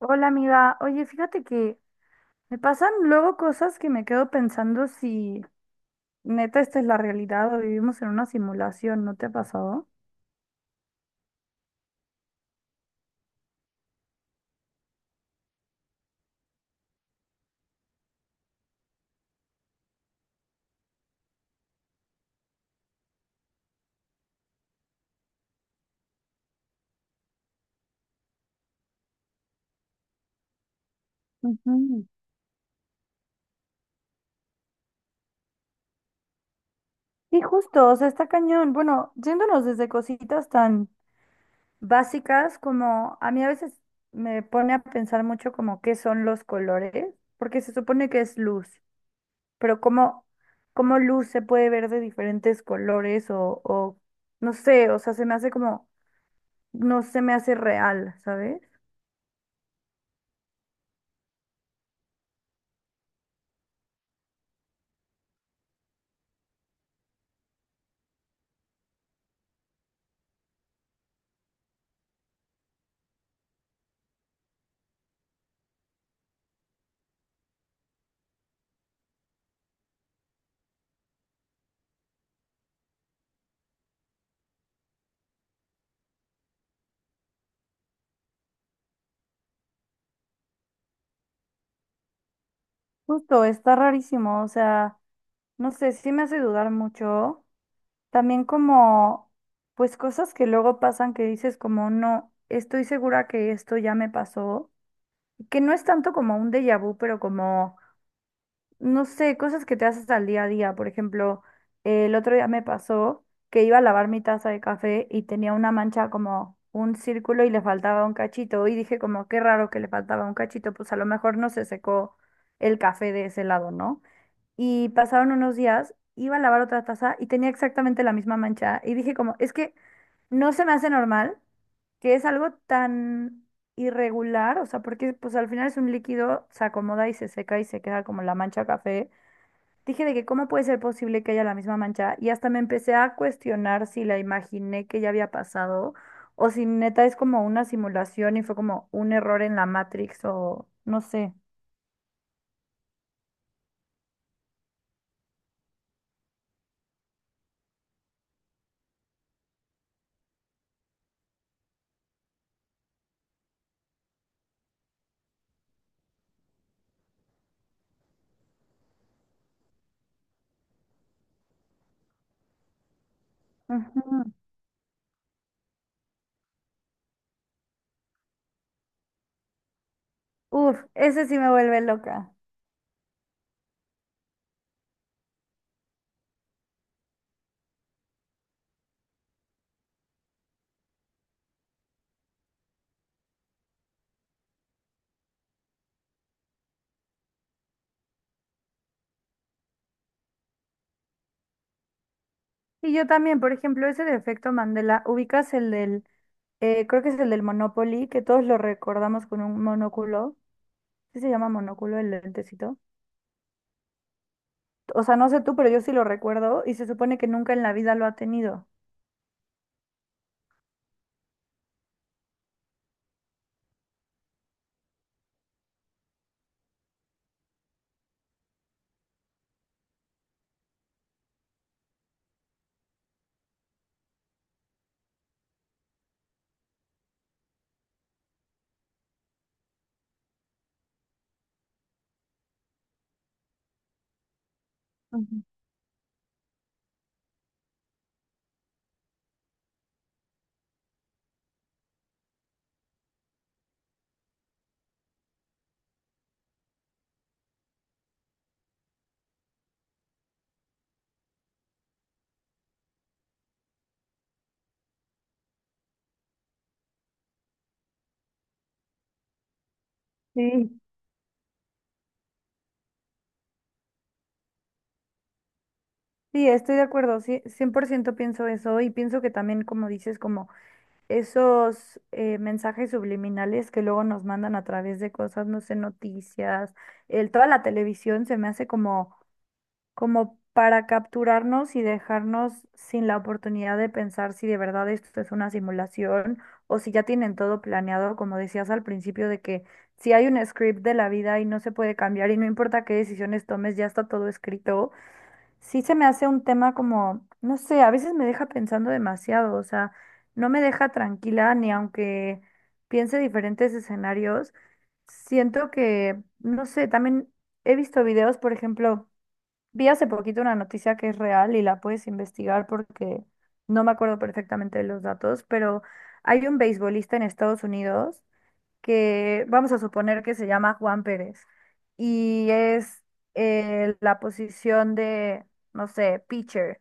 Hola amiga, oye, fíjate que me pasan luego cosas que me quedo pensando si neta esta es la realidad o vivimos en una simulación, ¿no te ha pasado? Ujú. Y justo, o sea, está cañón. Bueno, yéndonos desde cositas tan básicas como a mí a veces me pone a pensar mucho como qué son los colores, porque se supone que es luz, pero cómo luz se puede ver de diferentes colores o no sé, o sea, se me hace como, no se me hace real, ¿sabes? Justo, está rarísimo, o sea, no sé, sí me hace dudar mucho. También como, pues cosas que luego pasan que dices como, no, estoy segura que esto ya me pasó, que no es tanto como un déjà vu, pero como, no sé, cosas que te haces al día a día. Por ejemplo, el otro día me pasó que iba a lavar mi taza de café y tenía una mancha como un círculo y le faltaba un cachito y dije como, qué raro que le faltaba un cachito, pues a lo mejor no se secó el café de ese lado, ¿no? Y pasaron unos días, iba a lavar otra taza y tenía exactamente la misma mancha y dije como, es que no se me hace normal que es algo tan irregular, o sea, porque pues al final es un líquido, se acomoda y se seca y se queda como la mancha café. Dije de que cómo puede ser posible que haya la misma mancha y hasta me empecé a cuestionar si la imaginé que ya había pasado o si neta es como una simulación y fue como un error en la Matrix o no sé. Ujú. Uf, ese sí me vuelve loca. Y yo también, por ejemplo, ese de efecto Mandela, ubicas el del, creo que es el del Monopoly, que todos lo recordamos con un monóculo. ¿Sí se llama monóculo el lentecito? O sea, no sé tú, pero yo sí lo recuerdo y se supone que nunca en la vida lo ha tenido. Ujú. Sí, sí, estoy de acuerdo, sí, 100% pienso eso y pienso que también, como dices, como esos mensajes subliminales que luego nos mandan a través de cosas, no sé, noticias, el, toda la televisión se me hace como para capturarnos y dejarnos sin la oportunidad de pensar si de verdad esto es una simulación o si ya tienen todo planeado, como decías al principio, de que si hay un script de la vida y no se puede cambiar y no importa qué decisiones tomes, ya está todo escrito, sí se me hace un tema como, no sé, a veces me deja pensando demasiado, o sea, no me deja tranquila ni aunque piense diferentes escenarios. Siento que, no sé, también he visto videos, por ejemplo, vi hace poquito una noticia que es real y la puedes investigar porque no me acuerdo perfectamente de los datos, pero hay un beisbolista en Estados Unidos que vamos a suponer que se llama Juan Pérez y es la posición de, no sé, pitcher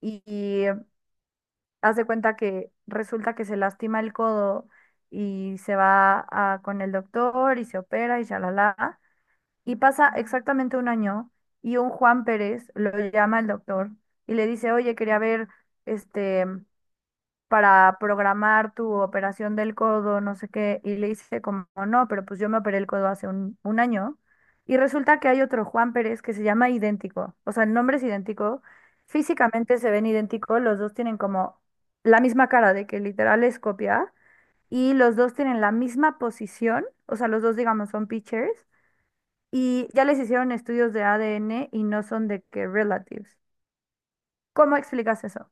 y haz de cuenta que resulta que se lastima el codo y se va con el doctor y se opera y ya la. Y pasa exactamente un año y un Juan Pérez lo llama el doctor y le dice, oye, quería ver, este, para programar tu operación del codo, no sé qué. Y le dice como, no, pero pues yo me operé el codo hace un año. Y resulta que hay otro Juan Pérez que se llama idéntico. O sea, el nombre es idéntico. Físicamente se ven idénticos. Los dos tienen como la misma cara de que literal es copia. Y los dos tienen la misma posición. O sea, los dos, digamos, son pitchers y ya les hicieron estudios de ADN y no son de que relatives. ¿Cómo explicas eso?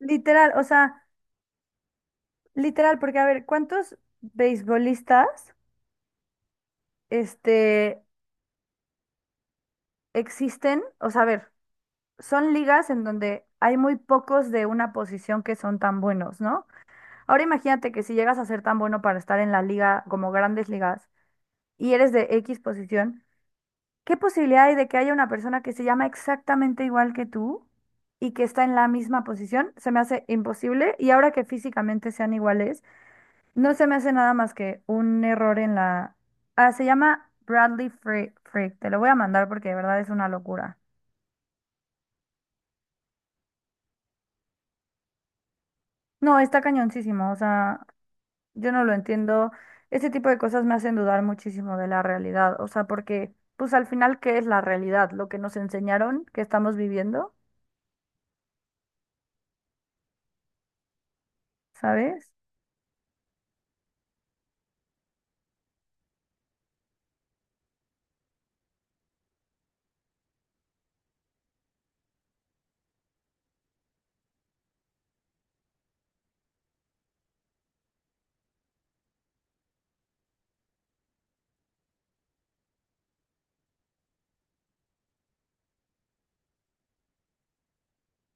Literal, o sea, literal, porque a ver, ¿cuántos beisbolistas este, existen? O sea, a ver, son ligas en donde hay muy pocos de una posición que son tan buenos, ¿no? Ahora imagínate que si llegas a ser tan bueno para estar en la liga como grandes ligas y eres de X posición, ¿qué posibilidad hay de que haya una persona que se llama exactamente igual que tú y que está en la misma posición? Se me hace imposible y ahora que físicamente sean iguales, no se me hace nada más que un error en la... Ah, se llama Bradley Freak. Te lo voy a mandar porque de verdad es una locura. No, está cañoncísimo. O sea, yo no lo entiendo. Ese tipo de cosas me hacen dudar muchísimo de la realidad. O sea, porque, pues al final, ¿qué es la realidad? Lo que nos enseñaron, que estamos viviendo, ¿sabes?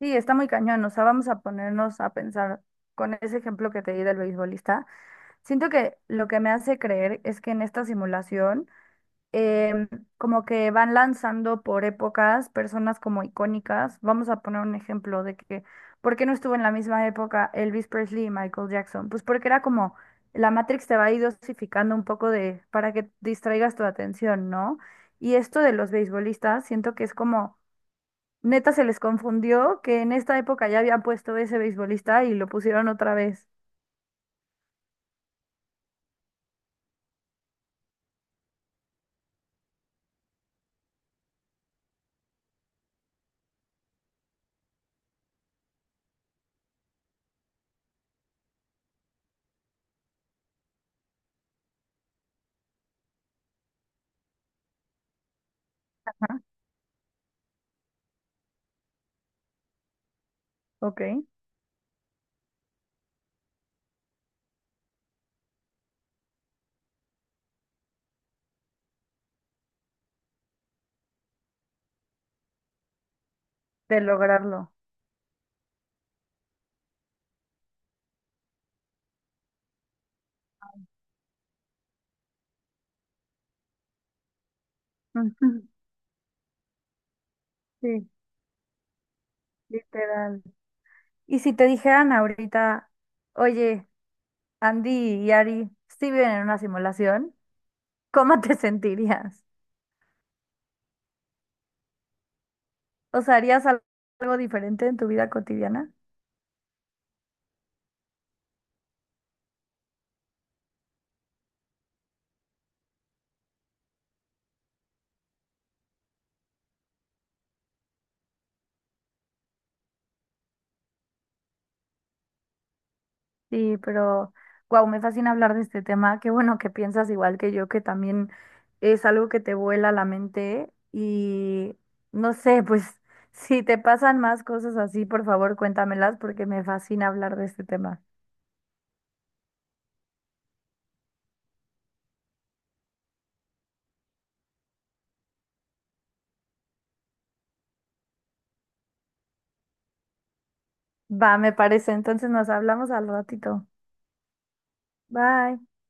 Sí, está muy cañón. O sea, vamos a ponernos a pensar con ese ejemplo que te di del beisbolista. Siento que lo que me hace creer es que en esta simulación, em, como que van lanzando por épocas personas como icónicas. Vamos a poner un ejemplo de que, ¿por qué no estuvo en la misma época Elvis Presley y Michael Jackson? Pues porque era como la Matrix te va a ir dosificando un poco de, para que distraigas tu atención, ¿no? Y esto de los beisbolistas, siento que es como neta se les confundió que en esta época ya habían puesto ese beisbolista y lo pusieron otra vez. Ok, de lograrlo. Ujú, sí, literal. Y si te dijeran ahorita, oye, Andy y Ari, si viven en una simulación, ¿cómo te sentirías? O sea, ¿harías algo diferente en tu vida cotidiana? Sí, pero wow, me fascina hablar de este tema. Qué bueno que piensas igual que yo, que también es algo que te vuela la mente. Y no sé, pues si te pasan más cosas así, por favor, cuéntamelas porque me fascina hablar de este tema. Va, me parece. Entonces nos hablamos al ratito. Bye.